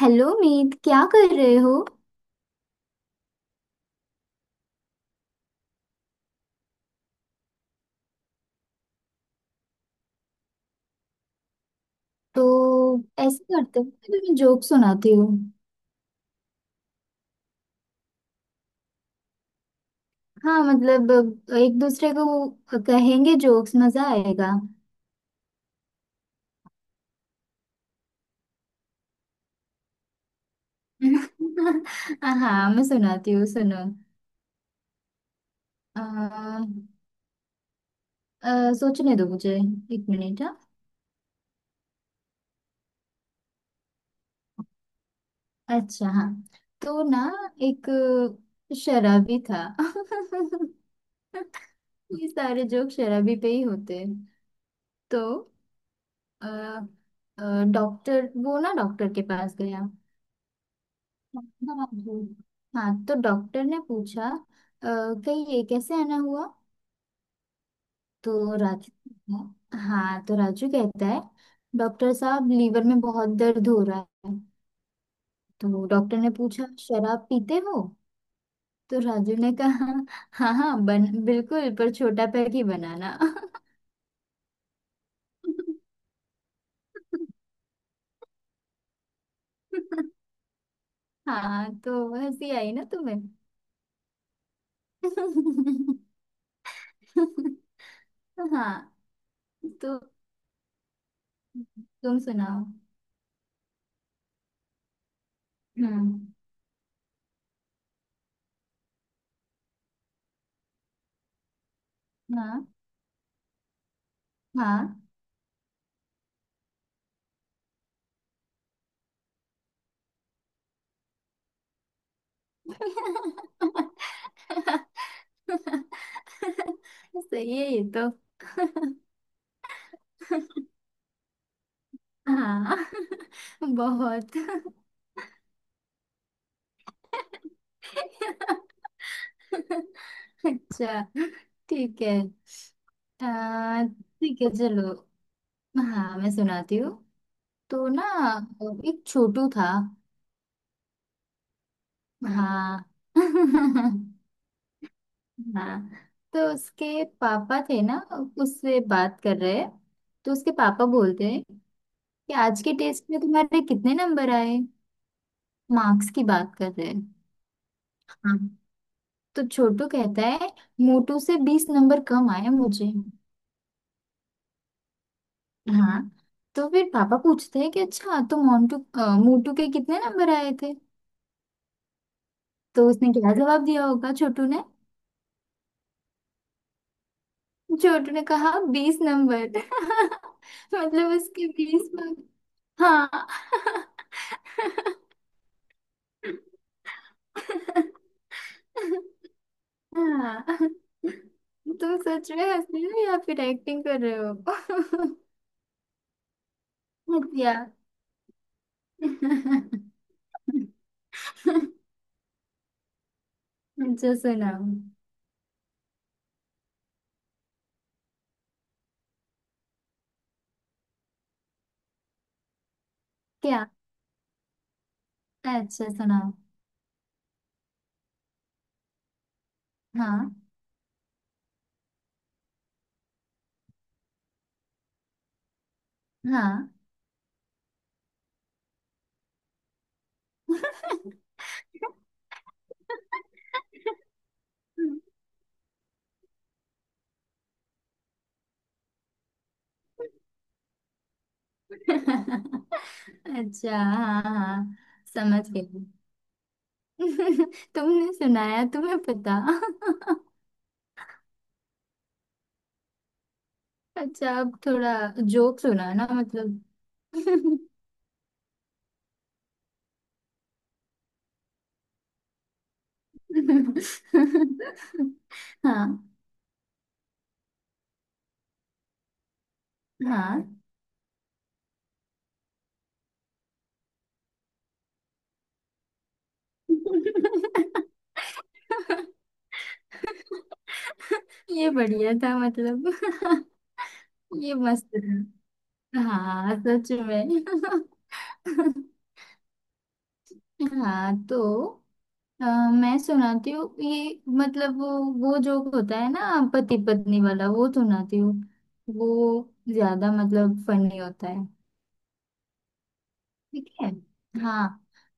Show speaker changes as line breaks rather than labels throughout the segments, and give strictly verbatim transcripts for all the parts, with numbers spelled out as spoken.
Hello Meet, क्या कर रहे हो? तो ऐसे करते हो, मैं तुम्हें जोक सुनाती हूँ। हाँ, मतलब एक दूसरे को कहेंगे जोक्स, मजा आएगा। हाँ, मैं सुनाती हूँ, सुनो। अ, अ, सोचने दो मुझे। एक मिनट, हाँ। अच्छा, हाँ, तो ना एक शराबी था। ये सारे जोक शराबी पे ही होते हैं। तो अ, अ, डॉक्टर वो ना डॉक्टर के पास गया। हाँ, हाँ, हाँ, तो डॉक्टर ने पूछा, "अ, कहीं ये कैसे आना हुआ?" तो राजू हाँ, तो राजू कहता है, डॉक्टर साहब, लीवर में बहुत दर्द हो रहा है। तो डॉक्टर ने पूछा, शराब पीते हो? तो राजू ने कहा, हाँ, हाँ, बन बिल्कुल, पर छोटा पैग ही बनाना। हाँ, तो हंसी आई ना तुम्हें? हाँ, तो तुम सुनाओ। हम्म। हाँ, हाँ। सही है ये तो। हाँ। बहुत। अच्छा, ठीक है। आ, ठीक है, चलो। हाँ, मैं सुनाती हूँ। तो ना एक छोटू था। हाँ। हाँ, तो उसके पापा थे ना, उससे बात कर रहे हैं। तो उसके पापा बोलते हैं कि आज के टेस्ट में तुम्हारे कितने नंबर आए। मार्क्स की बात कर रहे हैं। हाँ, तो छोटू कहता है, मोटू से बीस नंबर कम आए मुझे। हाँ, तो फिर पापा पूछते हैं कि अच्छा, तो मोंटू अ, मोटू के कितने नंबर आए थे। तो उसने क्या जवाब दिया होगा छोटू ने? छोटू ने कहा, बीस नंबर। मतलब उसके बीस मार्क्स। हाँ। हाँ। तुम सच में हंस रही हो या फिर एक्टिंग कर रहे हो? क्या? अच्छा, सुनाओ। क्या? अच्छा, सुनाओ। हाँ, हाँ। अच्छा, हाँ, हाँ, समझ गई। तुमने सुनाया, तुम्हें पता। अच्छा, अब थोड़ा जोक सुना ना, मतलब। हाँ, हाँ। ये बढ़िया था, मतलब। ये मस्त था। हाँ, सच में। हाँ, तो अ, मैं सुनाती हूँ। ये मतलब, वो वो जोक होता है ना पति पत्नी वाला, वो सुनाती हूँ। वो ज्यादा मतलब फनी होता है। ठीक है। हाँ,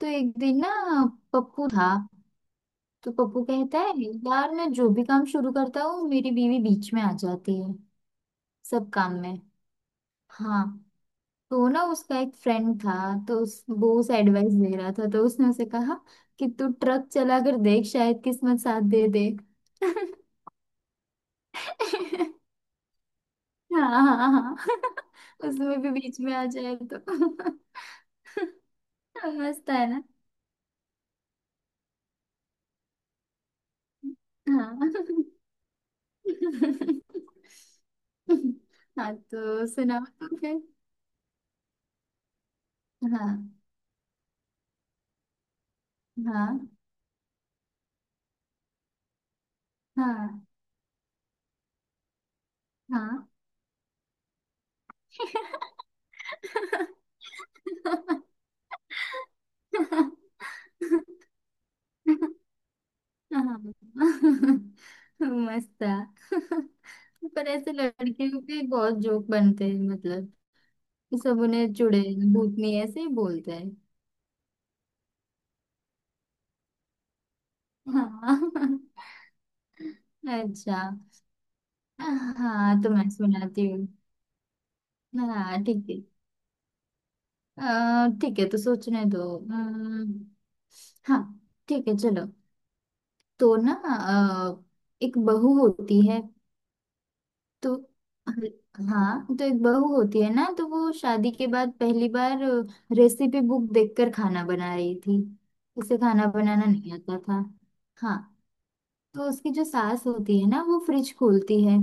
तो एक दिन ना पप्पू था। तो पप्पू कहता है, यार, मैं जो भी काम शुरू करता हूँ, मेरी बीवी बीच में आ जाती है। सब काम में। हाँ, तो ना उसका एक फ्रेंड था। तो उस वो उसे एडवाइस दे रहा था, तो उसने उसे कहा कि तू ट्रक चला कर देख, शायद किस्मत साथ दे दे। हाँ, हाँ, हाँ। उसमें भी बीच में आ जाए तो। मस्त है ना। हाँ। हाँ, तो सुनाओ तो फिर। हाँ, हाँ, हाँ, हाँ। हाँ, हाँ। मस्त था। पर ऐसे लड़कियों के बहुत जोक बनते हैं, मतलब। कि सब उन्हें चुड़ैल, भूतनी ऐसे ही बोलते हैं। हाँ। अच्छा। हाँ, तो मैं सुनाती हूँ। हाँ, ठीक है। अ, ठीक है, तो सोचने दो। अम्म, हाँ, ठीक है, चलो। तो ना अ, एक बहू होती है। तो हाँ, तो एक बहू होती है ना, तो वो शादी के बाद पहली बार रेसिपी बुक देखकर खाना बना रही थी। उसे खाना बनाना नहीं आता था। हाँ, तो उसकी जो सास होती है ना, वो फ्रिज खोलती है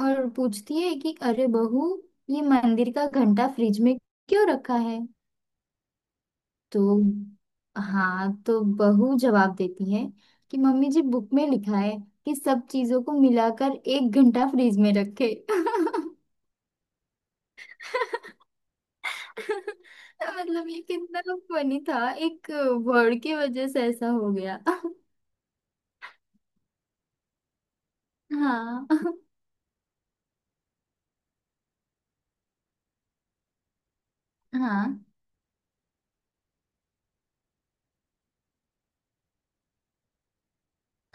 और पूछती है कि अरे बहू, ये मंदिर का घंटा फ्रिज में क्यों रखा है? तो हाँ, तो बहू जवाब देती है कि मम्मी जी, बुक में लिखा है कि सब चीजों को मिलाकर एक घंटा फ्रिज में रखे। तो मतलब ये कितना फनी था, एक वर्ड की वजह से ऐसा हो गया। हाँ, हाँ,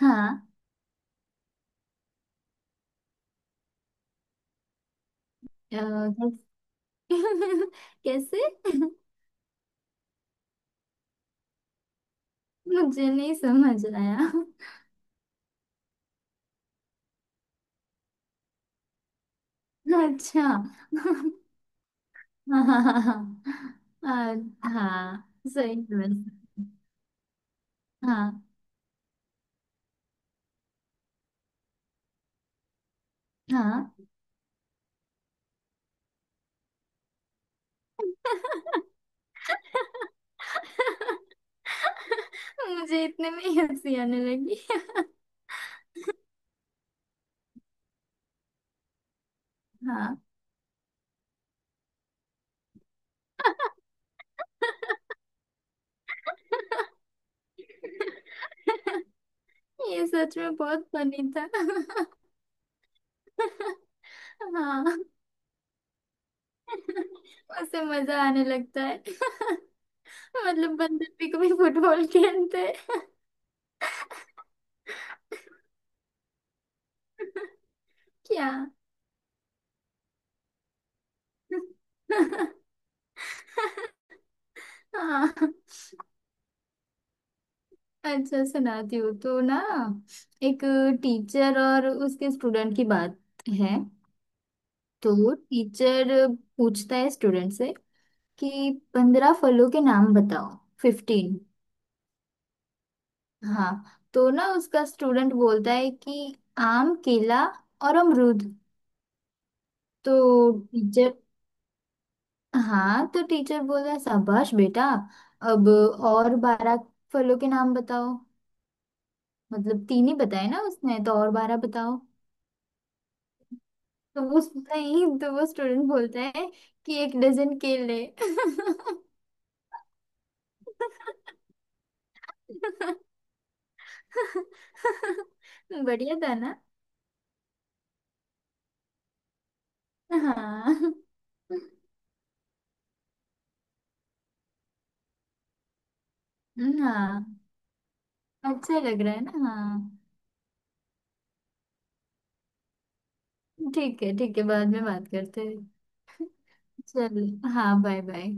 हाँ, अ, कैस- कैसे? मुझे नहीं समझ आया। अच्छा। हाँ, हाँ, हाँ, हाँ, अ, हाँ, सही में। हाँ, हाँ, मुझे इतने में ही हंसी आने लगी। हाँ। ये सच में बहुत फनी था। हाँ। उससे मजा आने लगता है। मतलब बंदर भी कभी फुटबॉल खेलते हैं। क्या? हाँ, अच्छा, सुनाती हूँ। तो ना एक टीचर और उसके स्टूडेंट की बात है। तो टीचर पूछता है स्टूडेंट से कि पंद्रह फलों के नाम बताओ, फिफ्टीन। हाँ, तो ना उसका स्टूडेंट बोलता है कि आम, केला और अमरूद। तो टीचर हाँ, तो टीचर बोला, शाबाश बेटा, अब और बारह फलों के नाम बताओ। मतलब तीन ही बताए ना उसने, तो और बारह बताओ। तो वो नहीं, तो वो स्टूडेंट बोलता है कि एक डजन केले। बढ़िया था ना। हाँ, हाँ, अच्छा लग रहा है ना? हाँ। ठीक है, ठीक है, बाद में बात करते हैं। चल, हाँ, बाय बाय।